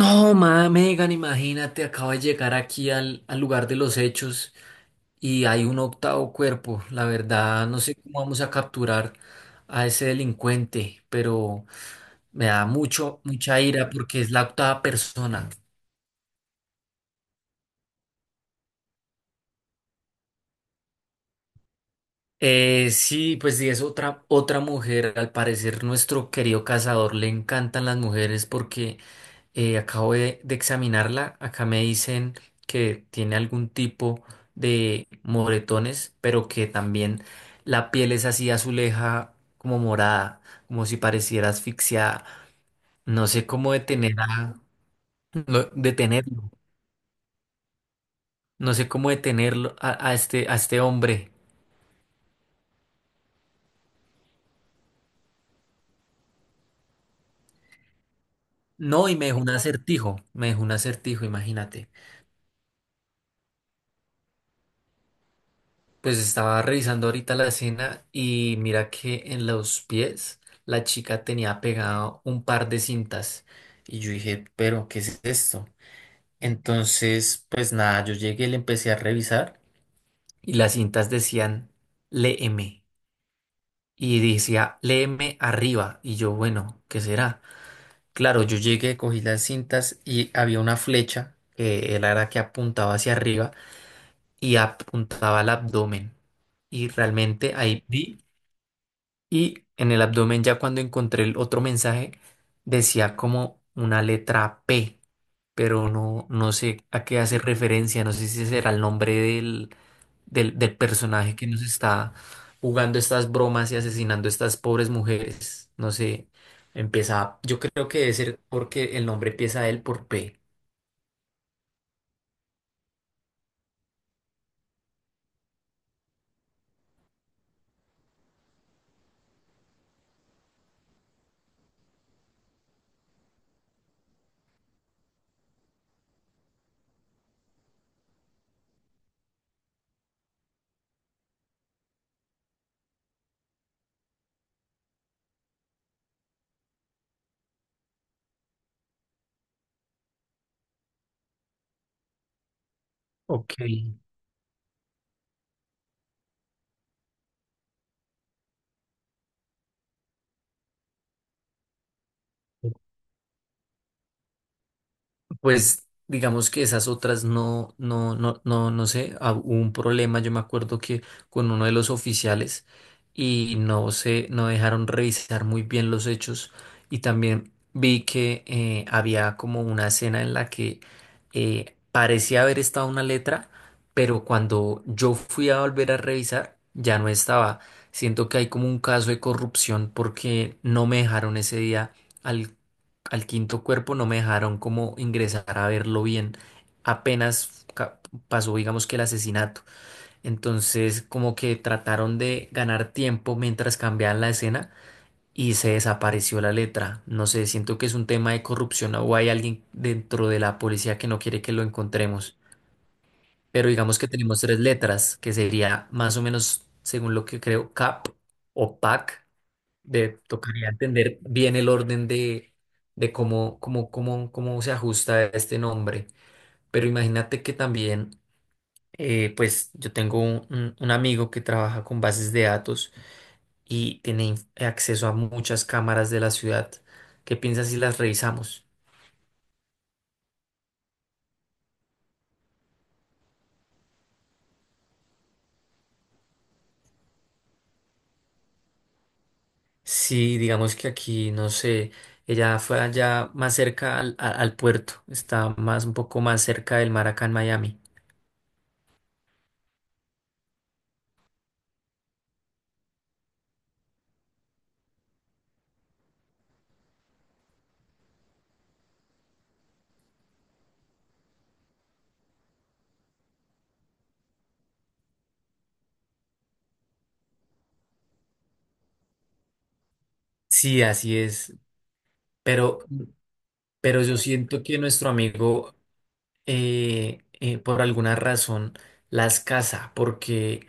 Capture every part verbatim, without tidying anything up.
No, ma, Megan, imagínate, acabo de llegar aquí al, al lugar de los hechos y hay un octavo cuerpo. La verdad, no sé cómo vamos a capturar a ese delincuente, pero me da mucho, mucha ira porque es la octava persona. Eh, sí, pues sí, es otra, otra mujer. Al parecer, nuestro querido cazador le encantan las mujeres porque eh, acabo de, de examinarla. Acá me dicen que tiene algún tipo de moretones, pero que también la piel es así azuleja, como morada, como si pareciera asfixiada. No sé cómo detener a, no- detenerlo. No sé cómo detenerlo a, a este, a este hombre. No, y me dejó un acertijo. Me dejó un acertijo, imagínate. Pues estaba revisando ahorita la escena y mira que en los pies la chica tenía pegado un par de cintas y yo dije, pero ¿qué es esto? Entonces, pues nada, yo llegué, le empecé a revisar y las cintas decían, léeme, y decía, léeme arriba, y yo, bueno, ¿qué será? Claro, yo llegué, cogí las cintas y había una flecha que era la que apuntaba hacia arriba y apuntaba al abdomen y realmente ahí vi. Y en el abdomen, ya cuando encontré el otro mensaje, decía como una letra P, pero no, no sé a qué hace referencia, no sé si será el nombre del, del, del personaje que nos está jugando estas bromas y asesinando a estas pobres mujeres. No sé, empieza, yo creo que debe ser porque el nombre empieza él por P. Ok. Pues digamos que esas otras no, no, no, no, no sé, ah, hubo un problema, yo me acuerdo que con uno de los oficiales y no sé, no dejaron revisar muy bien los hechos y también vi que eh, había como una escena en la que eh, parecía haber estado una letra, pero cuando yo fui a volver a revisar ya no estaba. Siento que hay como un caso de corrupción porque no me dejaron ese día, al quinto cuerpo, no me dejaron como ingresar a verlo bien. Apenas ca- Pasó, digamos que el asesinato. Entonces, como que trataron de ganar tiempo mientras cambiaban la escena y se desapareció la letra. No sé, siento que es un tema de corrupción o hay alguien dentro de la policía que no quiere que lo encontremos. Pero digamos que tenemos tres letras, que sería más o menos, según lo que creo, C A P o P A C. De, tocaría entender bien el orden de, de cómo, cómo, cómo, cómo se ajusta este nombre. Pero imagínate que también, eh, pues yo tengo un, un- un amigo que trabaja con bases de datos y tiene inf- acceso a muchas cámaras de la ciudad. ¿Qué piensas si las revisamos? Sí, digamos que aquí, no sé, ella fue allá más cerca al, a- al puerto, está más un poco más cerca del mar acá en Miami. Sí, así es. Pero Pero yo siento que nuestro amigo, eh, eh, por alguna razón, las casa, porque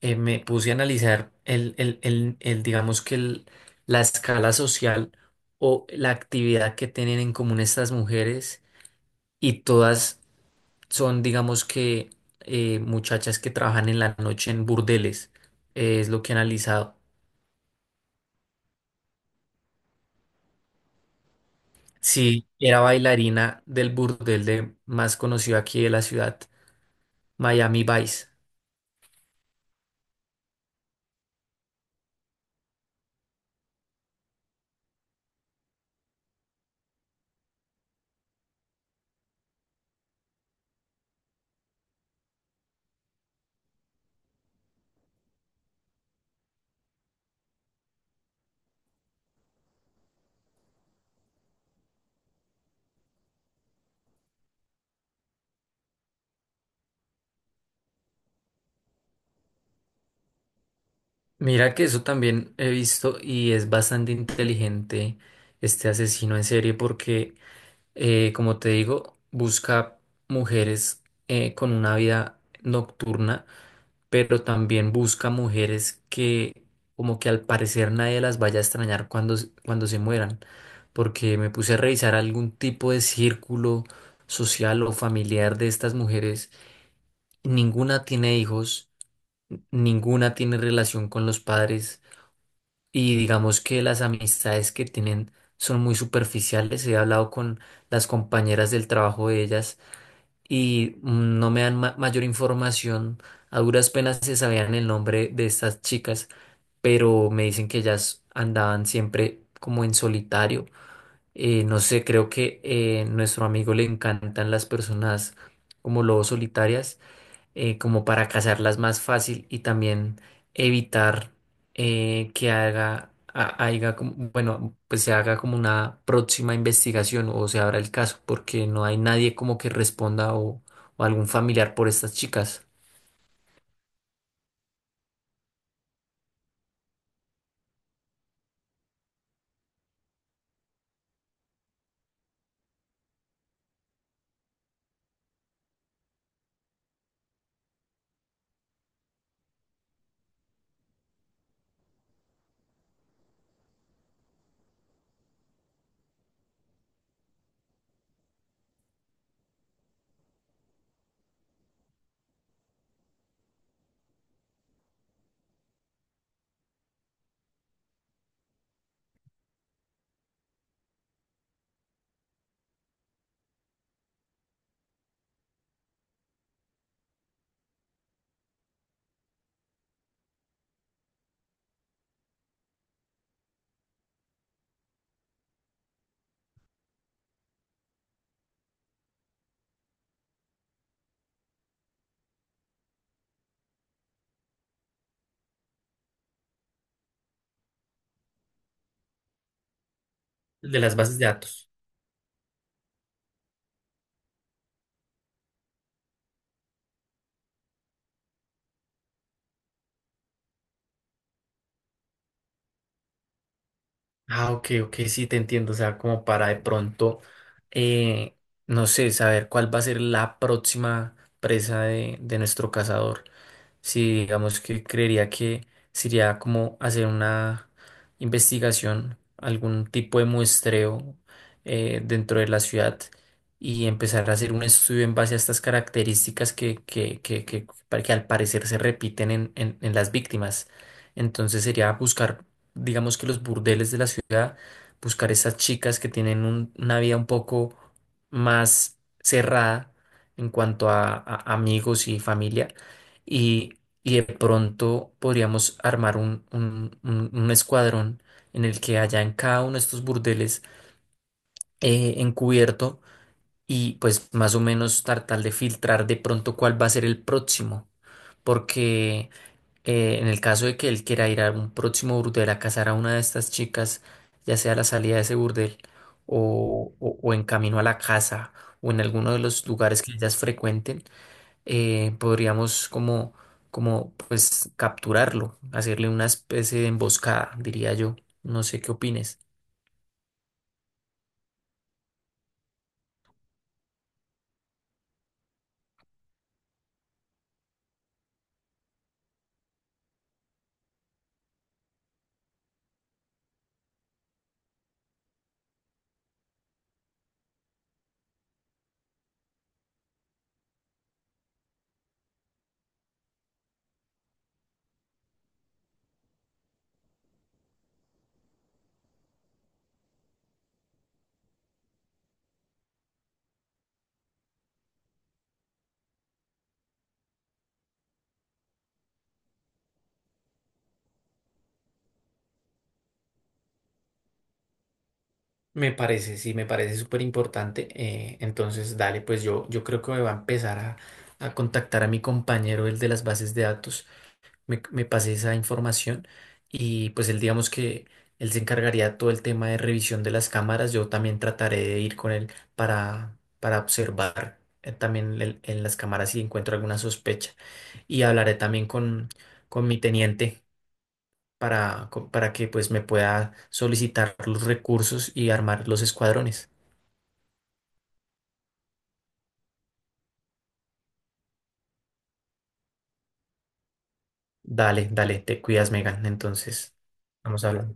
eh, me puse a analizar el, el- el- el, digamos que el- la escala social o la actividad que tienen en común estas mujeres y todas son, digamos que, eh, muchachas que trabajan en la noche en burdeles. Eh, es lo que he analizado. Sí, era bailarina del burdel de, más conocido aquí de la ciudad, Miami Vice. Mira que eso también he visto y es bastante inteligente este asesino en serie porque, eh, como te digo, busca mujeres eh, con una vida nocturna, pero también busca mujeres que, como que al parecer nadie las vaya a extrañar cuando, s- cuando se mueran, porque me puse a revisar algún tipo de círculo social o familiar de estas mujeres. Ninguna tiene hijos, ninguna tiene relación con los padres. Y digamos que las amistades que tienen son muy superficiales. He hablado con las compañeras del trabajo de ellas y mm, no me dan ma- mayor información. A duras penas se sabían el nombre de estas chicas, pero me dicen que ellas andaban siempre como en solitario. Eh, no sé, creo que eh, nuestro amigo le encantan las personas como lobos solitarias, eh, como para cazarlas más fácil y también evitar eh, que haga, ha- haiga como... bueno, pues se haga como una próxima investigación o se abra el caso, porque no hay nadie como que responda, o, o algún familiar por estas chicas. De las bases de datos. Ah, ok, ok, sí, te entiendo. O sea, como para de pronto, eh, no sé, saber cuál va a ser la próxima presa de, de nuestro cazador. Sí, digamos que creería que sería como hacer una investigación, algún tipo de muestreo eh, dentro de la ciudad y empezar a hacer un estudio en base a estas características que, que, que, que, para- que al parecer se repiten en, en, en las víctimas. Entonces sería buscar, digamos que los burdeles de la ciudad, buscar esas chicas que tienen un- una vida un poco más cerrada en cuanto a a amigos y familia, y, y de pronto podríamos armar un, un- un- un escuadrón en el que haya en cada uno de estos burdeles eh, encubierto, y pues más o menos tratar de filtrar de pronto cuál va a ser el próximo, porque eh, en el caso de que él quiera ir a un próximo burdel a casar a una de estas chicas, ya sea a la salida de ese burdel, o o o en camino a la casa, o en alguno de los lugares que ellas frecuenten, eh, podríamos como, como pues capturarlo, hacerle una especie de emboscada, diría yo. No sé qué opines. Me parece, sí, me parece súper importante. Eh, entonces, dale, pues yo, yo creo que me va a empezar a, a contactar a mi compañero, el de las bases de datos. me, me pase esa información y pues él, digamos que él se encargaría de todo el tema de revisión de las cámaras. Yo también trataré de ir con él para, para observar eh, también el- en las cámaras, si encuentro alguna sospecha, y hablaré también con, con mi teniente para, co- para que pues me pueda solicitar los recursos y armar los escuadrones. Dale, dale, te cuidas, Megan, entonces vamos hablando.